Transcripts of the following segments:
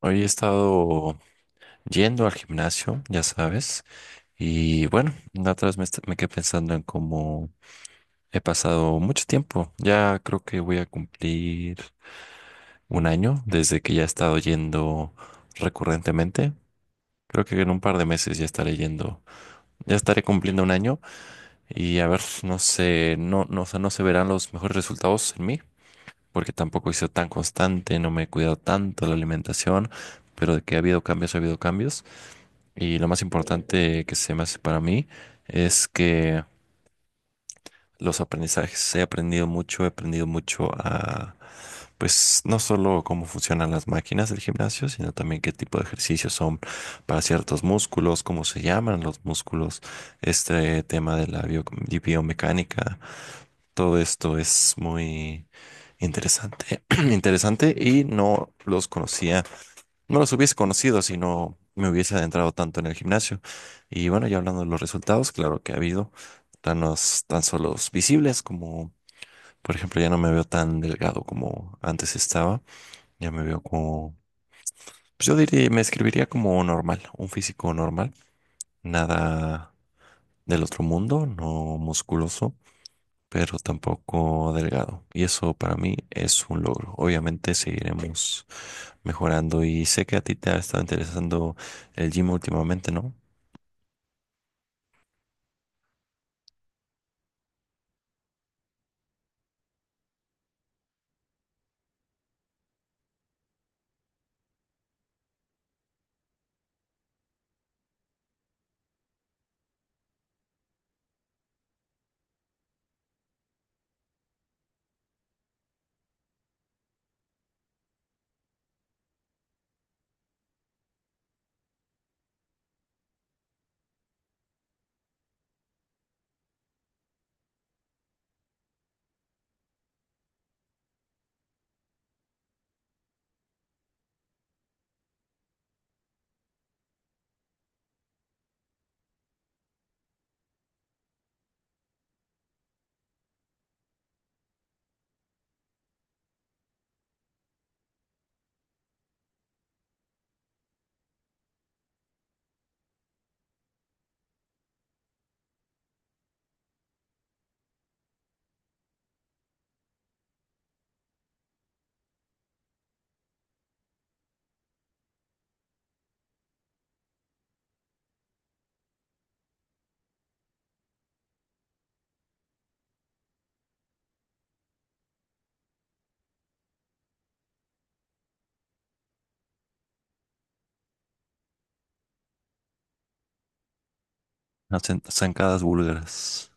Hoy he estado yendo al gimnasio, ya sabes, y bueno, la otra vez me quedé pensando en cómo he pasado mucho tiempo. Ya creo que voy a cumplir un año desde que ya he estado yendo recurrentemente. Creo que en un par de meses ya estaré yendo, ya estaré cumpliendo un año y a ver, no sé, o sea, no se verán los mejores resultados en mí, porque tampoco he sido tan constante, no me he cuidado tanto la alimentación, pero de que ha habido cambios, ha habido cambios. Y lo más importante que se me hace para mí es que los aprendizajes, he aprendido mucho a, pues, no solo cómo funcionan las máquinas del gimnasio, sino también qué tipo de ejercicios son para ciertos músculos, cómo se llaman los músculos, este tema de la biomecánica, todo esto es muy interesante, interesante y no los conocía no los hubiese conocido si no me hubiese adentrado tanto en el gimnasio. Y bueno, ya hablando de los resultados, claro que ha habido planos tan solos visibles como, por ejemplo, ya no me veo tan delgado como antes estaba. Ya me veo como, pues yo diría, me escribiría como normal, un físico normal, nada del otro mundo, no musculoso pero tampoco delgado. Y eso para mí es un logro. Obviamente seguiremos mejorando y sé que a ti te ha estado interesando el gym últimamente, ¿no? Las zancadas búlgaras.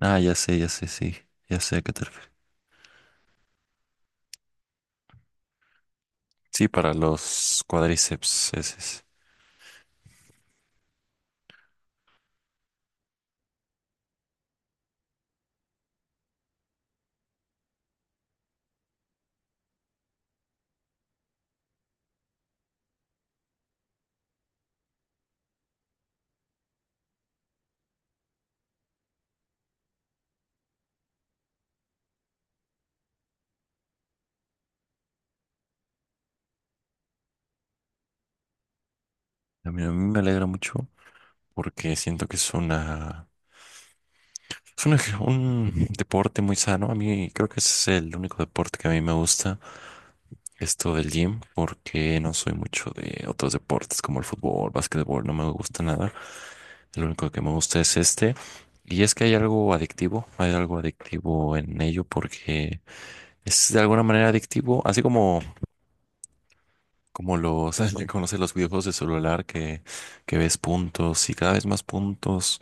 Ah, ya sé, sí, ya sé a qué te refieres. Sí, para los cuádriceps, ese es. A mí me alegra mucho porque siento que es una... Es un, un deporte muy sano. A mí creo que ese es el único deporte que a mí me gusta esto del gym porque no soy mucho de otros deportes como el fútbol, básquetbol, no me gusta nada. Lo único que me gusta es este. Y es que hay algo adictivo en ello porque es de alguna manera adictivo, así como, como los, conoces los videojuegos de celular que ves puntos y cada vez más puntos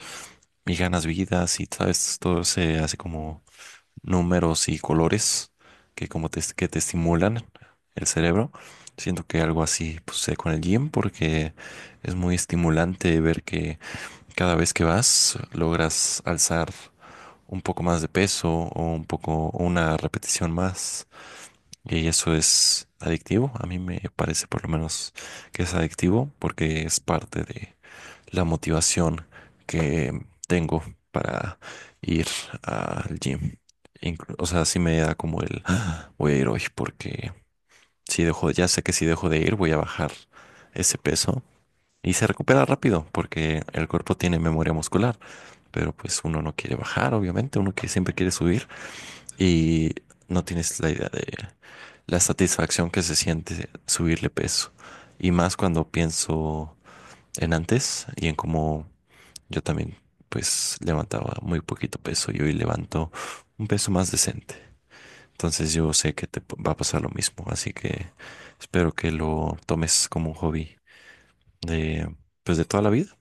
y ganas vidas y sabes, todo se hace como números y colores que te estimulan el cerebro. Siento que algo así pues, sé con el gym porque es muy estimulante ver que cada vez que vas logras alzar un poco más de peso o un poco o una repetición más y eso es adictivo. A mí me parece por lo menos que es adictivo porque es parte de la motivación que tengo para ir al gym. O sea, sí me da como el "Ah, voy a ir hoy porque si dejo, ya sé que si dejo de ir voy a bajar ese peso y se recupera rápido porque el cuerpo tiene memoria muscular, pero pues uno no quiere bajar, obviamente, uno que siempre quiere subir y no tienes la idea de la satisfacción que se siente subirle peso y más cuando pienso en antes y en cómo yo también, pues, levantaba muy poquito peso y hoy levanto un peso más decente. Entonces yo sé que va a pasar lo mismo, así que espero que lo tomes como un hobby de, pues, de toda la vida.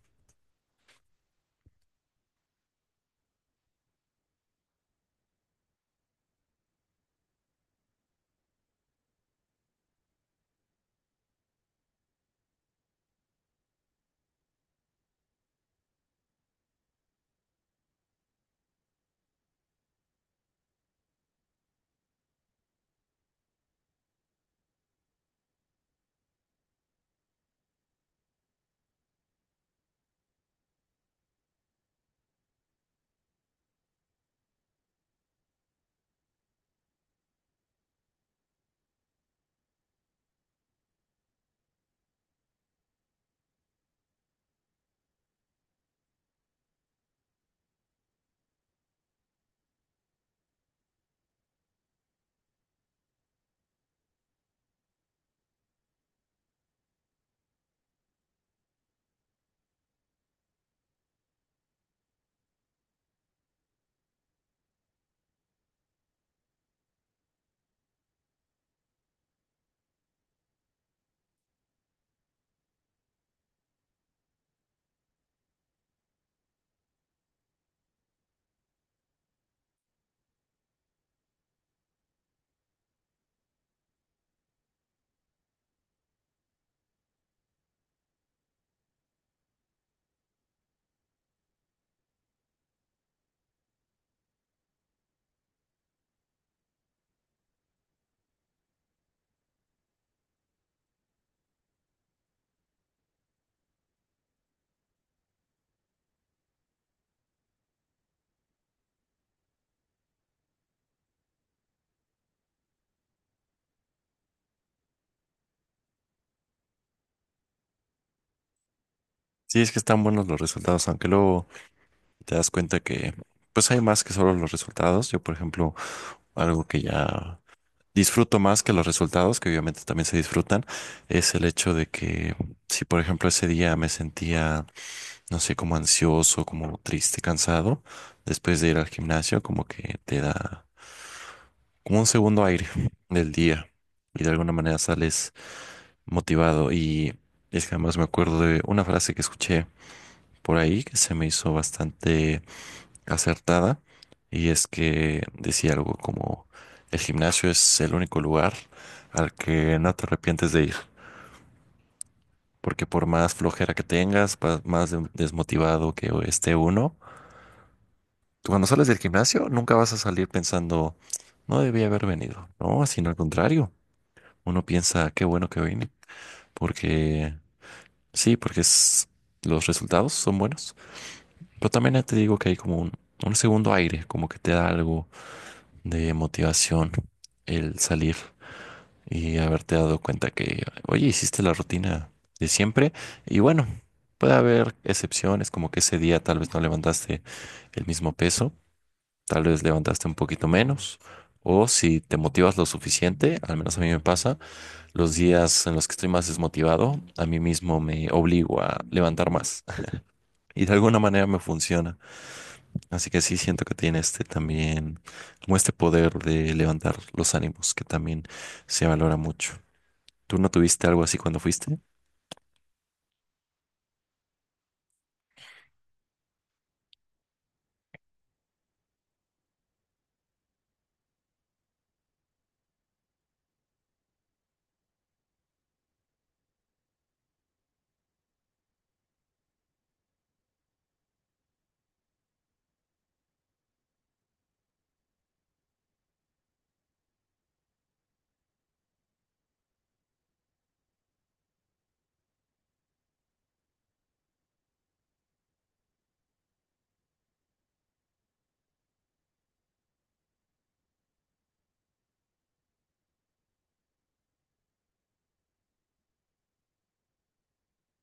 Sí, es que están buenos los resultados, aunque luego te das cuenta que, pues, hay más que solo los resultados. Yo, por ejemplo, algo que ya disfruto más que los resultados, que obviamente también se disfrutan, es el hecho de que si, por ejemplo, ese día me sentía no sé, como ansioso, como triste, cansado, después de ir al gimnasio, como que te da como un segundo aire del día y de alguna manera sales motivado. Y es que además me acuerdo de una frase que escuché por ahí que se me hizo bastante acertada y es que decía algo como el gimnasio es el único lugar al que no te arrepientes de ir. Porque por más flojera que tengas, desmotivado que esté uno, tú cuando sales del gimnasio nunca vas a salir pensando, no debía haber venido. No, sino al contrario. Uno piensa, qué bueno que vine. Porque sí, porque es- Los resultados son buenos. Pero también te digo que hay como un segundo aire, como que te da algo de motivación el salir y haberte dado cuenta que, oye, hiciste la rutina de siempre. Y bueno, puede haber excepciones, como que ese día tal vez no levantaste el mismo peso, tal vez levantaste un poquito menos, o si te motivas lo suficiente, al menos a mí me pasa, los días en los que estoy más desmotivado, a mí mismo me obligo a levantar más y de alguna manera me funciona. Así que sí siento que tiene este también, como este poder de levantar los ánimos que también se valora mucho. ¿Tú no tuviste algo así cuando fuiste?